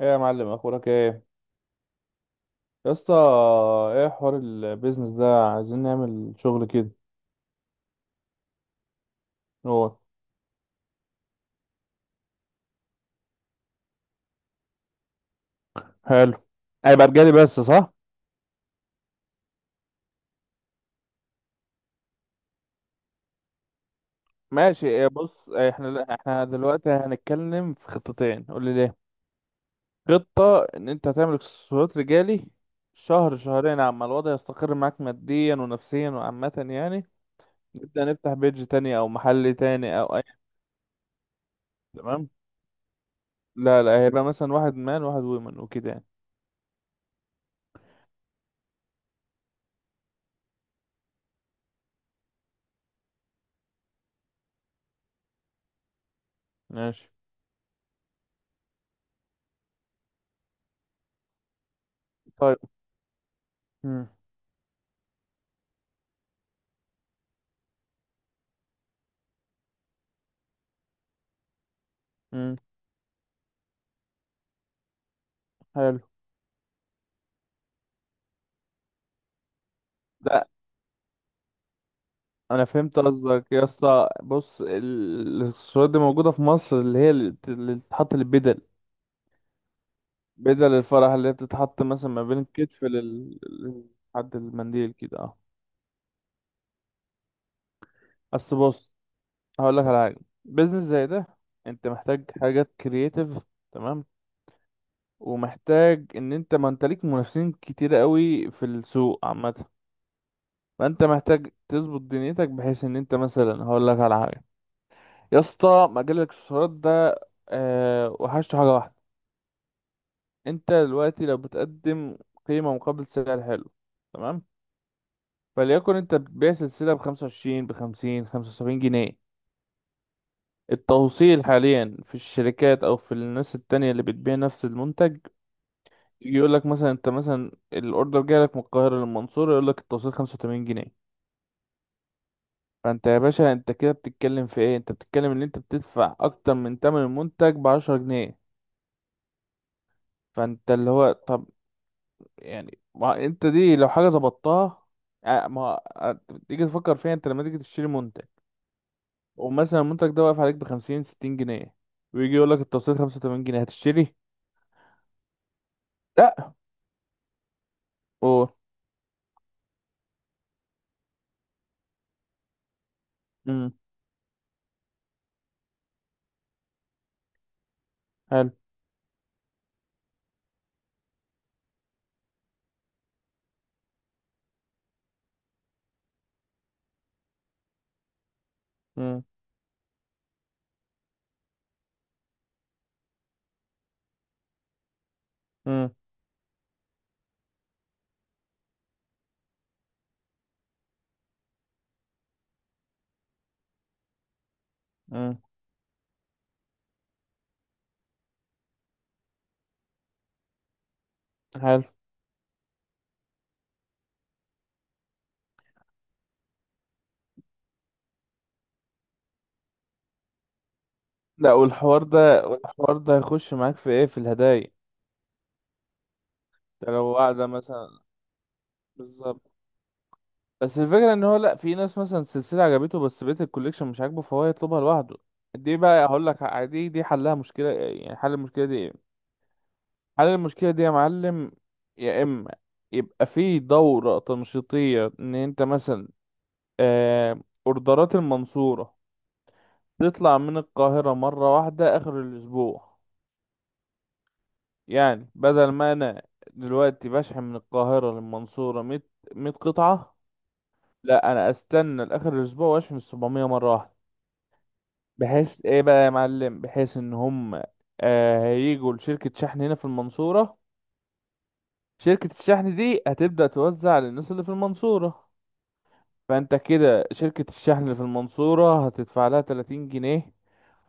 ايه يا معلم، اخبارك؟ ايه يا اسطى، ايه حوار البيزنس ده؟ عايزين نعمل شغل كده. هو حلو، هيبقى رجالي بس صح؟ ماشي. إيه بص، إيه احنا دلوقتي هنتكلم في خطتين، قول لي ليه. خطة ان انت هتعمل اكسسوارات رجالي، شهر شهرين عما الوضع يستقر معاك ماديا ونفسيا وعامة يعني، نبدأ نفتح بيج تاني او محل تاني او اي. تمام. لا لا، هيبقى مثلا واحد مان واحد ويمن وكده يعني. ماشي، طيب، امم حلو. ده انا فهمت قصدك يا اسطى، بص الصورات دي موجوده في مصر، اللي هي اللي اللي بتتحط البدل، بدل الفرح اللي هي بتتحط مثلا ما بين الكتف لحد المنديل كده، اه. اصل بص، هقول لك على حاجه، بيزنس زي ده انت محتاج حاجات كرييتيف، تمام. ومحتاج ان انت ما انت ليك منافسين كتير قوي في السوق عامه، فانت محتاج تظبط دنيتك بحيث ان انت مثلا، هقول لك على حاجه. يا اسطى مجال الاكسسوارات ده، وحشته حاجه واحده. انت دلوقتي لو بتقدم قيمة مقابل سعر حلو، تمام. فليكن انت بتبيع سلسلة ب25 ب50 75 جنيه، التوصيل حاليا في الشركات او في الناس التانية اللي بتبيع نفس المنتج، يقول لك مثلا انت مثلا الاوردر جاي لك من القاهرة للمنصورة، يقول لك التوصيل 85 جنيه. فانت يا باشا، انت كده بتتكلم في ايه؟ انت بتتكلم ان انت بتدفع اكتر من تمن المنتج ب10 جنيه. فانت اللي هو طب يعني، ما انت دي لو حاجه ظبطتها، ما آه، تيجي تفكر فيها انت، لما تيجي تشتري منتج ومثلا المنتج ده واقف عليك ب50 60 جنيه، ويجي يقول لك التوصيل 85 جنيه، هتشتري؟ لا. او امم حلو. امم امم امم حلو. لا، والحوار ده، والحوار ده هيخش معاك في ايه؟ في الهدايا. انت لو واحده مثلا، بالظبط. بس الفكره ان هو لا، في ناس مثلا سلسله عجبته بس بقيه الكوليكشن مش عاجبه فهو يطلبها لوحده. دي بقى هقول لك دي حلها مشكله يعني، حل المشكله دي إيه؟ حل المشكلة دي يا معلم، يا إما يبقى في دورة تنشيطية إن أنت مثلا، آه، أوردرات المنصورة تطلع من القاهرة مرة واحدة آخر الأسبوع. يعني بدل ما أنا دلوقتي بشحن من القاهرة للمنصورة مية، 100 قطعة، لا أنا أستنى لآخر الأسبوع وأشحن ال700 مرة واحدة. بحيث إيه بقى يا معلم؟ بحيث إن هم هيجوا لشركة شحن هنا في المنصورة، شركة الشحن دي هتبدأ توزع للناس اللي في المنصورة. فانت كده شركة الشحن اللي في المنصورة هتدفع لها 30 جنيه،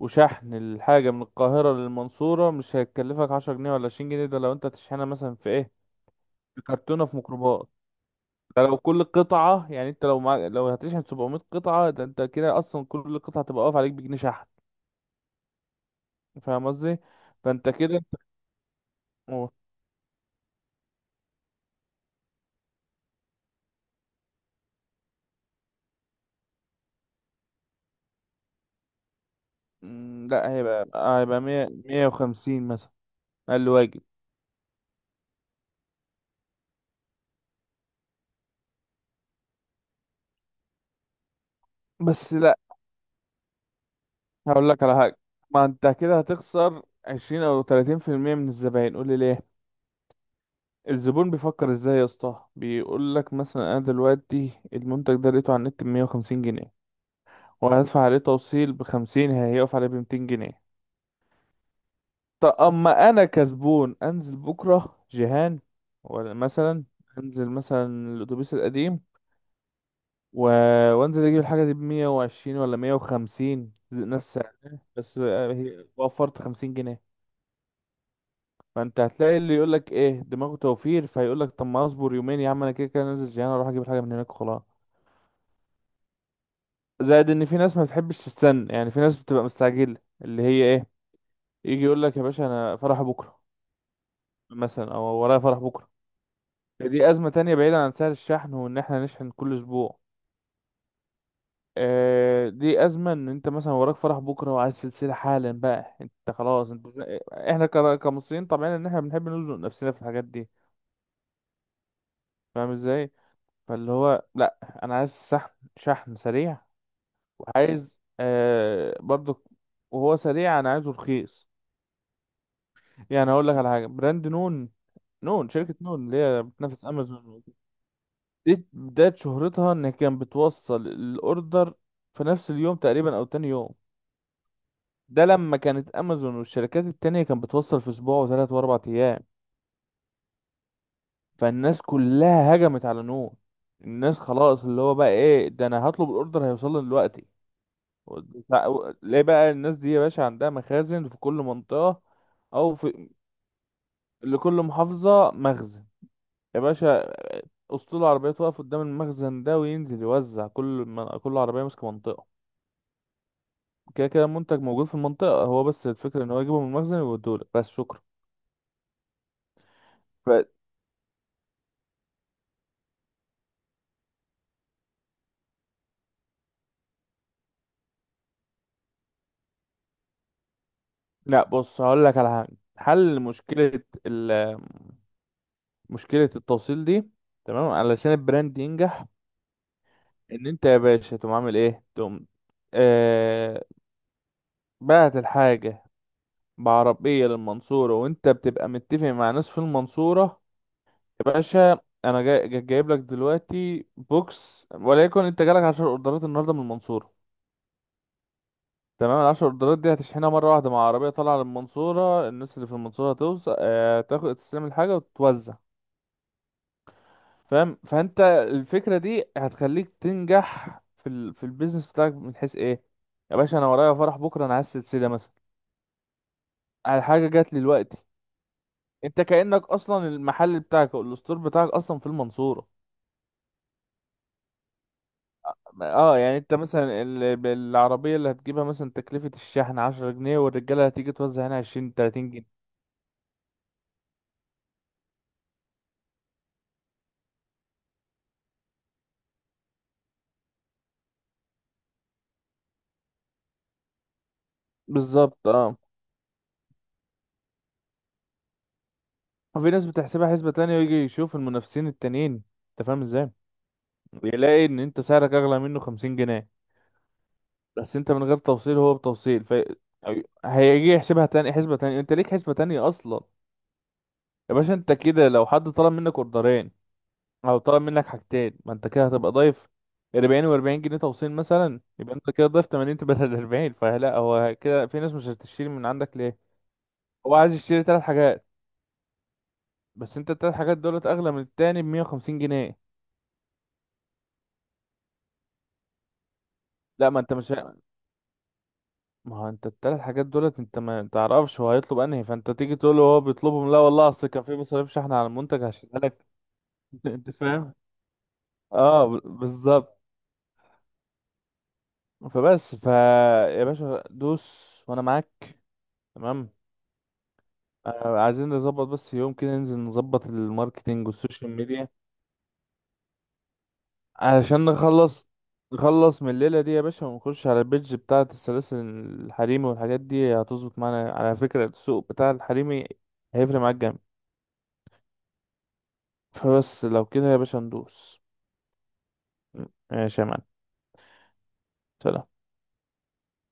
وشحن الحاجة من القاهرة للمنصورة مش هيكلفك 10 جنيه ولا 20 جنيه، ده لو انت هتشحنها مثلا في ايه، في كرتونة في ميكروباص. ده لو كل قطعة، يعني انت لو لو هتشحن 700 قطعة، ده انت كده اصلا كل قطعة تبقى واقف عليك بجنيه شحن، فاهم قصدي؟ فانت كده و... لا هيبقى 100 150 مثلا، اقل واجب. بس لا، هقول لك على حاجة، ما انت كده هتخسر 20 او 30% من الزباين، قول لي ليه. الزبون بيفكر ازاي يا اسطى؟ بيقول لك مثلا انا دلوقتي المنتج ده لقيته على النت ب150 جنيه، وهدفع عليه توصيل ب50، هيقف عليه ب200 جنيه. طب اما انا كزبون انزل بكرة جيهان، ولا مثلا انزل مثلا الاتوبيس القديم، و... وانزل اجيب الحاجة دي ب120 ولا 150 نفس سعرها، بس وفرت 50 جنيه. فانت هتلاقي اللي يقول لك ايه دماغه توفير، فهيقول لك طب ما اصبر يومين يا عم، انا كده كده نازل جيهان اروح اجيب الحاجه من هناك وخلاص. زائد ان في ناس ما بتحبش تستنى، يعني في ناس بتبقى مستعجله اللي هي ايه، يجي يقول لك يا باشا انا فرح بكره مثلا، او ورايا فرح بكره. دي ازمه تانية بعيدا عن سعر الشحن وان احنا نشحن كل اسبوع. دي ازمه ان انت مثلا وراك فرح بكره، وعايز سلسله حالا بقى انت خلاص انت، احنا كمصريين طبعا ان احنا بنحب نزنق نفسنا في الحاجات دي، فاهم ازاي؟ فاللي هو لا، انا عايز شحن، شحن سريع، وعايز برضو، وهو سريع انا عايزه رخيص. يعني اقول لك على حاجه، براند نون. شركه نون اللي هي بتنافس امازون. دي بدايه شهرتها ان كانت بتوصل الاوردر في نفس اليوم تقريبا او تاني يوم، ده لما كانت امازون والشركات التانية كانت بتوصل في اسبوع وثلاث واربع ايام. فالناس كلها هجمت على نون، الناس خلاص اللي هو بقى ايه، ده انا هطلب الاوردر هيوصل لي دلوقتي. ليه بقى؟ الناس دي يا باشا عندها مخازن في كل منطقة، أو في لكل محافظة مخزن يا باشا، أسطول العربيات واقف قدام المخزن ده وينزل يوزع كل عربية ماسكة منطقة. كده كده المنتج موجود في المنطقة، هو بس الفكرة إن هو يجيبه من المخزن ويوديهولك، بس شكرا. ف... لا بص، هقول لك على حاجة، حل مشكلة التوصيل دي، تمام علشان البراند ينجح، إن أنت يا باشا تقوم عامل إيه؟ تقوم آه... بعت الحاجة بعربية للمنصورة، وانت بتبقى متفق مع ناس في المنصورة يا باشا. انا جايب لك دلوقتي بوكس، وليكن انت جالك 10 اوردرات النهاردة من المنصورة، تمام. ال10 اوردرات دي هتشحنها مرة واحدة مع عربية طالعة للمنصورة، الناس اللي في المنصورة هتوزع، اه تاخد تستلم الحاجة وتتوزع. فاهم؟ فانت الفكرة دي هتخليك تنجح في في البيزنس بتاعك من حيث ايه، يا باشا انا ورايا فرح بكرة، انا عايز سلسلة مثلا، على حاجة جات لي دلوقتي، انت كأنك اصلا المحل بتاعك او الستور بتاعك اصلا في المنصورة. اه يعني انت مثلا بالعربية اللي هتجيبها مثلا تكلفة الشحن 10 جنيه، والرجالة هتيجي توزع هنا 20 30 جنيه. بالظبط اه. وفي ناس بتحسبها حسبة تانية، ويجي يشوف المنافسين التانيين، انت فاهم ازاي؟ يلاقي ان انت سعرك اغلى منه 50 جنيه، بس انت من غير توصيل هو بتوصيل، ف هيجي يحسبها تاني حسبة تانية، انت ليك حسبة تانية اصلا. يا باشا انت كده لو حد طلب منك اوردرين، او طلب منك حاجتين، ما انت كده هتبقى ضايف 40 و40 جنيه توصيل مثلا، يبقى انت كده ضايف 80 بدل 40، فلا هو كده في ناس مش هتشتري من عندك، ليه؟ هو عايز يشتري 3 حاجات، بس انت ال3 حاجات دولت اغلى من التاني ب 150 جنيه. لا، ما هو انت ال3 حاجات دولت انت ما تعرفش هو هيطلب انهي، فانت تيجي تقول له هو بيطلبهم لا والله اصل كان في مصاريف شحن على المنتج هشيلها لك. انت فاهم، اه بالظبط. فبس يا باشا دوس وانا معاك، تمام. عايزين نظبط بس يوم كده ننزل نظبط الماركتينج والسوشيال ميديا، علشان نخلص من الليلة دي يا باشا، ونخش على البيدج بتاعة السلاسل الحريمي، والحاجات دي هتظبط معانا على فكرة، السوق بتاع الحريمي هيفرق معاك جامد. فبس لو كده يا باشا ندوس. ماشي يا معلم، سلام.